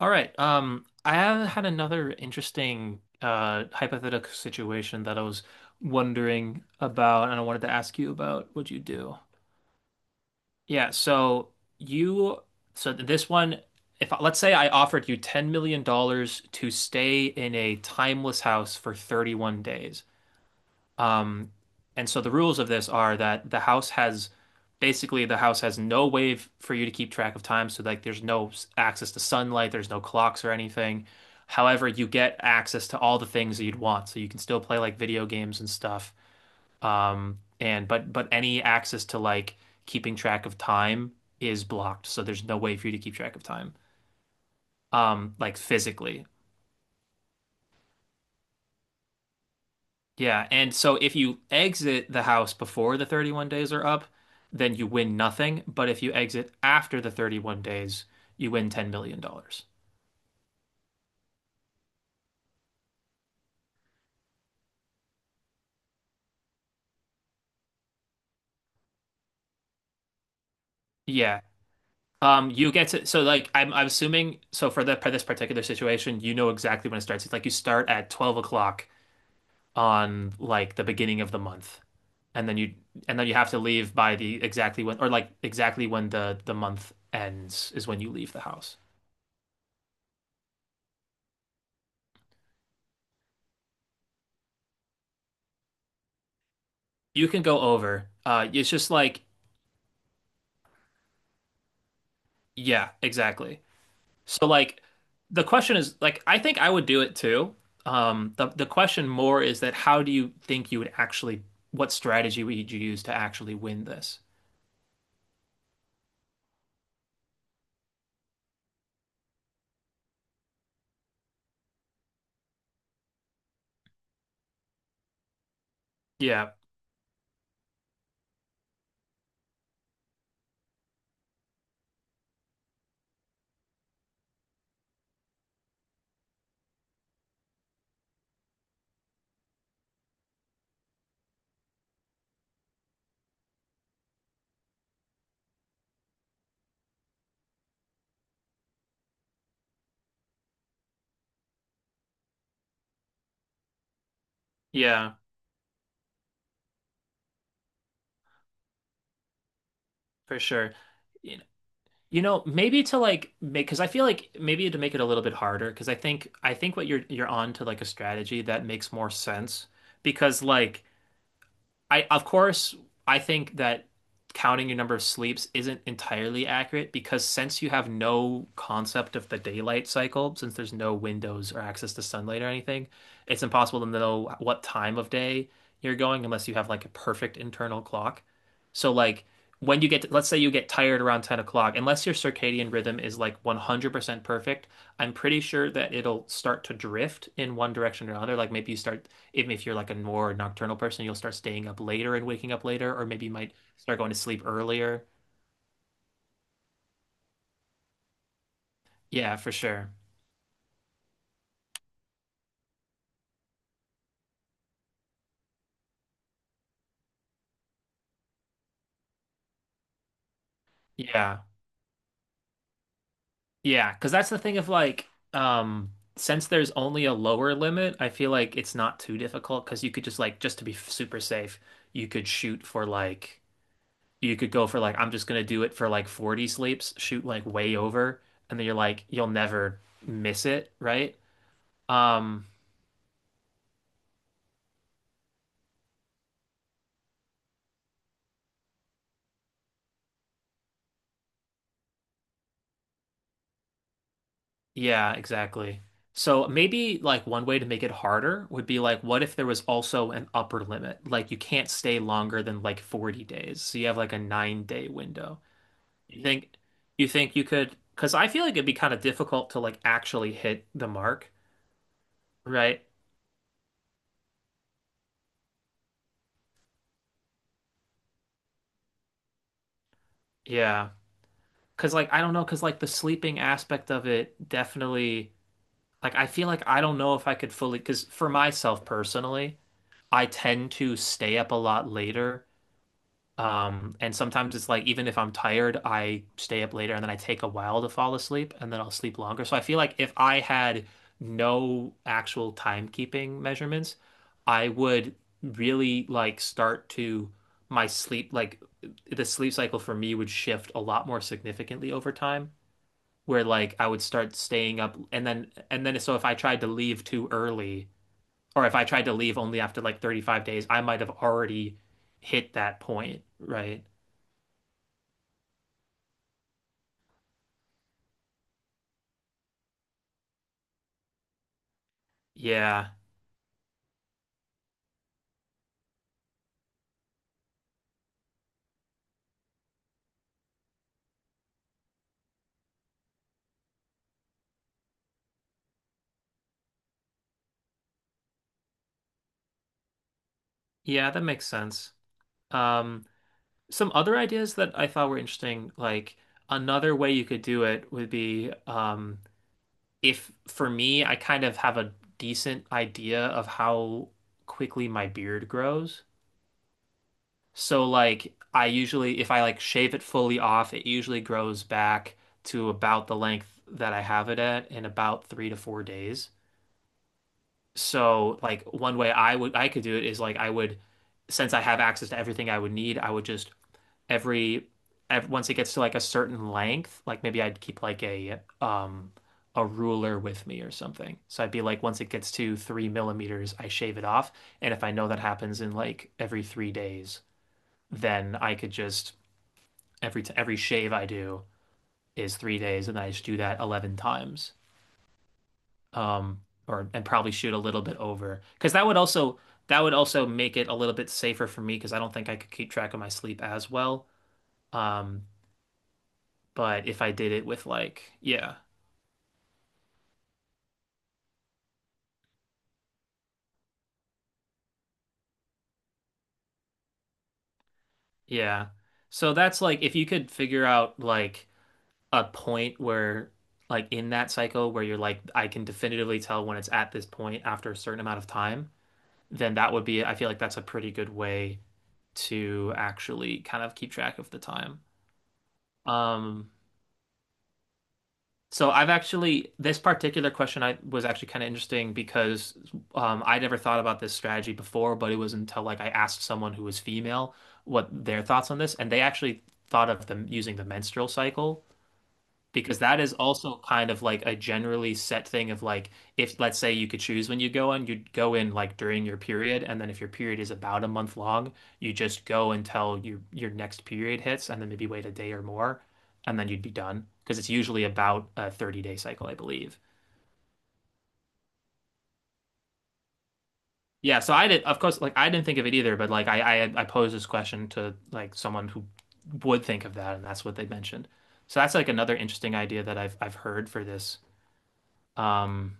All right. I have had another interesting hypothetical situation that I was wondering about, and I wanted to ask you about what you do. Yeah. You, so this one, if let's say I offered you $10 million dollars to stay in a timeless house for 31 days. Um, and so the rules of this are that the house has no way for you to keep track of time. So like there's no access to sunlight, there's no clocks or anything. However, you get access to all the things that you'd want. So you can still play like video games and stuff. And but any access to like keeping track of time is blocked. So there's no way for you to keep track of time. Like physically. Yeah, and so if you exit the house before the 31 days are up, then you win nothing. But if you exit after the 31 days, you win $10 million dollars. Yeah. You get to, so like I'm assuming so for the for this particular situation, you know exactly when it starts. It's like you start at 12 o'clock on like the beginning of the month. And then you and then you have to leave by the exactly when or like exactly when the month ends is when you leave the house. You can go over. It's just like yeah, exactly. So like the question is like I think I would do it too. The question more is that how do you think you would actually what strategy would you use to actually win this? Yeah. Yeah, for sure. You know, maybe to like make because I feel like maybe to make it a little bit harder because I think what you're on to like a strategy that makes more sense because like I of course I think that counting your number of sleeps isn't entirely accurate because since you have no concept of the daylight cycle, since there's no windows or access to sunlight or anything, it's impossible to know what time of day you're going unless you have like a perfect internal clock. So like when you get to, let's say you get tired around 10 o'clock, unless your circadian rhythm is like 100% perfect, I'm pretty sure that it'll start to drift in one direction or another. Like maybe you start, even if you're like a more nocturnal person, you'll start staying up later and waking up later, or maybe you might start going to sleep earlier. Yeah, for sure. Yeah. Yeah. Because that's the thing of like, since there's only a lower limit, I feel like it's not too difficult because you could just like, just to be super safe, you could shoot for like, you could go for like, I'm just gonna do it for like 40 sleeps, shoot like way over, and then you're like, you'll never miss it, right? Um, yeah, exactly. So maybe like one way to make it harder would be like, what if there was also an upper limit? Like you can't stay longer than like 40 days. So you have like a 9-day window. You think you think you could, because I feel like it'd be kind of difficult to like actually hit the mark, right? Yeah. Because like I don't know, because like the sleeping aspect of it definitely like I feel like I don't know if I could fully, because for myself personally, I tend to stay up a lot later. And sometimes it's like even if I'm tired, I stay up later and then I take a while to fall asleep and then I'll sleep longer. So I feel like if I had no actual timekeeping measurements, I would really like start to my sleep like the sleep cycle for me would shift a lot more significantly over time where like I would start staying up and then so if I tried to leave too early or if I tried to leave only after like 35 days, I might have already hit that point, right? Yeah. Yeah, that makes sense. Um, some other ideas that I thought were interesting, like another way you could do it would be if for me, I kind of have a decent idea of how quickly my beard grows. So like I usually, if I like shave it fully off, it usually grows back to about the length that I have it at in about 3 to 4 days. So like one way I could do it is like I would since I have access to everything I would need, I would just every, ev once it gets to like a certain length, like maybe I'd keep like a ruler with me or something. So I'd be like, once it gets to 3 millimeters, I shave it off. And if I know that happens in like every 3 days, then I could just every shave I do is 3 days, and I just do that 11 times. Um, or and probably shoot a little bit over because that would also make it a little bit safer for me because I don't think I could keep track of my sleep as well. Um, But if I did it with like, yeah, yeah. So that's like if you could figure out like a point where like in that cycle where you're like, I can definitively tell when it's at this point after a certain amount of time, then that would be, I feel like that's a pretty good way to actually kind of keep track of the time. Um, So I've actually this particular question I was actually kind of interesting because I never thought about this strategy before, but it was until like I asked someone who was female what their thoughts on this, and they actually thought of them using the menstrual cycle because that is also kind of like a generally set thing of like if let's say you could choose when you go in, you'd go in like during your period, and then if your period is about a month long, you just go until your next period hits, and then maybe wait a day or more, and then you'd be done. Because it's usually about a 30-day cycle, I believe. Yeah, so I did, of course, like I didn't think of it either, but like I posed this question to like someone who would think of that, and that's what they mentioned. So that's like another interesting idea that I've heard for this. Um,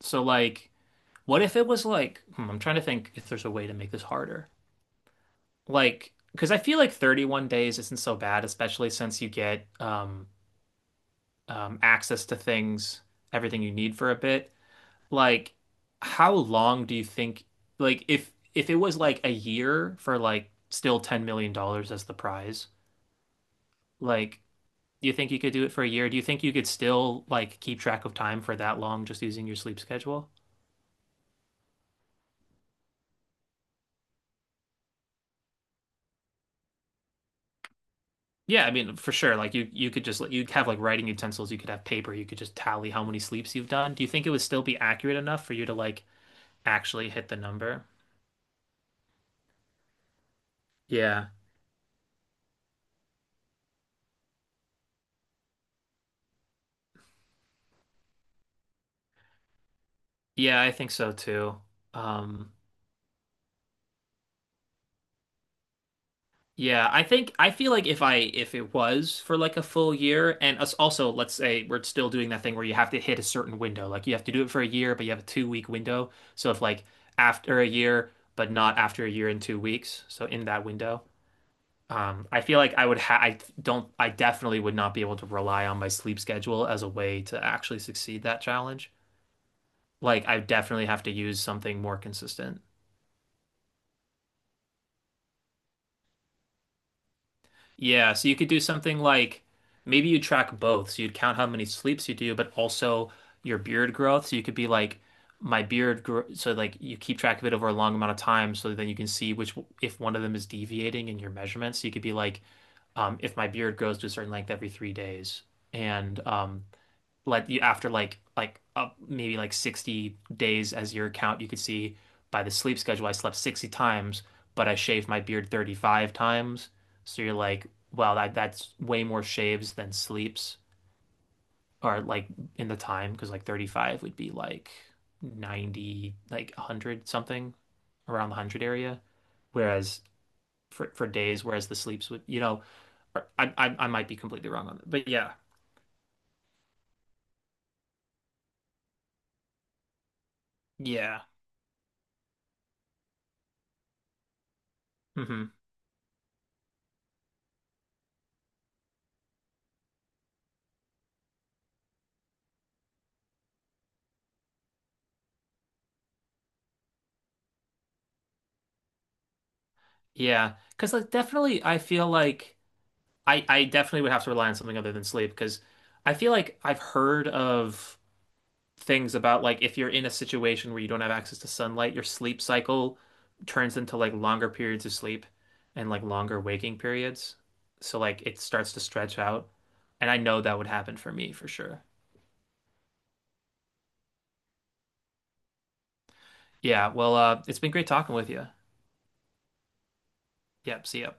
so like. What if it was like, I'm trying to think if there's a way to make this harder. Like, because I feel like 31 days isn't so bad, especially since you get access to things, everything you need for a bit. Like, how long do you think, like, if it was like a year for like still $10 million as the prize, like, do you think you could do it for a year? Do you think you could still like keep track of time for that long just using your sleep schedule? Yeah, I mean, for sure. Like you could just like, you'd have like writing utensils. You could have paper. You could just tally how many sleeps you've done. Do you think it would still be accurate enough for you to like actually hit the number? Yeah, yeah, I think so too. Um, yeah, I think I feel like if it was for like a full year, and us also let's say we're still doing that thing where you have to hit a certain window. Like you have to do it for a year, but you have a 2-week window. So if like after a year, but not after a year and 2 weeks, so in that window. I feel like I would ha I don't I definitely would not be able to rely on my sleep schedule as a way to actually succeed that challenge. Like I definitely have to use something more consistent. Yeah, so you could do something like maybe you track both. So you'd count how many sleeps you do, but also your beard growth. So you could be like my beard grow so like you keep track of it over a long amount of time so then you can see which if one of them is deviating in your measurements. So you could be like if my beard grows to a certain length every 3 days and like you after like maybe like 60 days as your count you could see by the sleep schedule I slept 60 times but I shaved my beard 35 times so you're like well, that's way more shaves than sleeps or like in the time because like 35 would be like 90 like 100 something around the 100 area whereas for days whereas the sleeps would I might be completely wrong on that but yeah, yeah. Hmm. Yeah, because like definitely, I feel like I definitely would have to rely on something other than sleep because I feel like I've heard of things about like if you're in a situation where you don't have access to sunlight, your sleep cycle turns into like longer periods of sleep and like longer waking periods. So like it starts to stretch out, and I know that would happen for me for sure. Yeah, well, it's been great talking with you. Yep, see ya.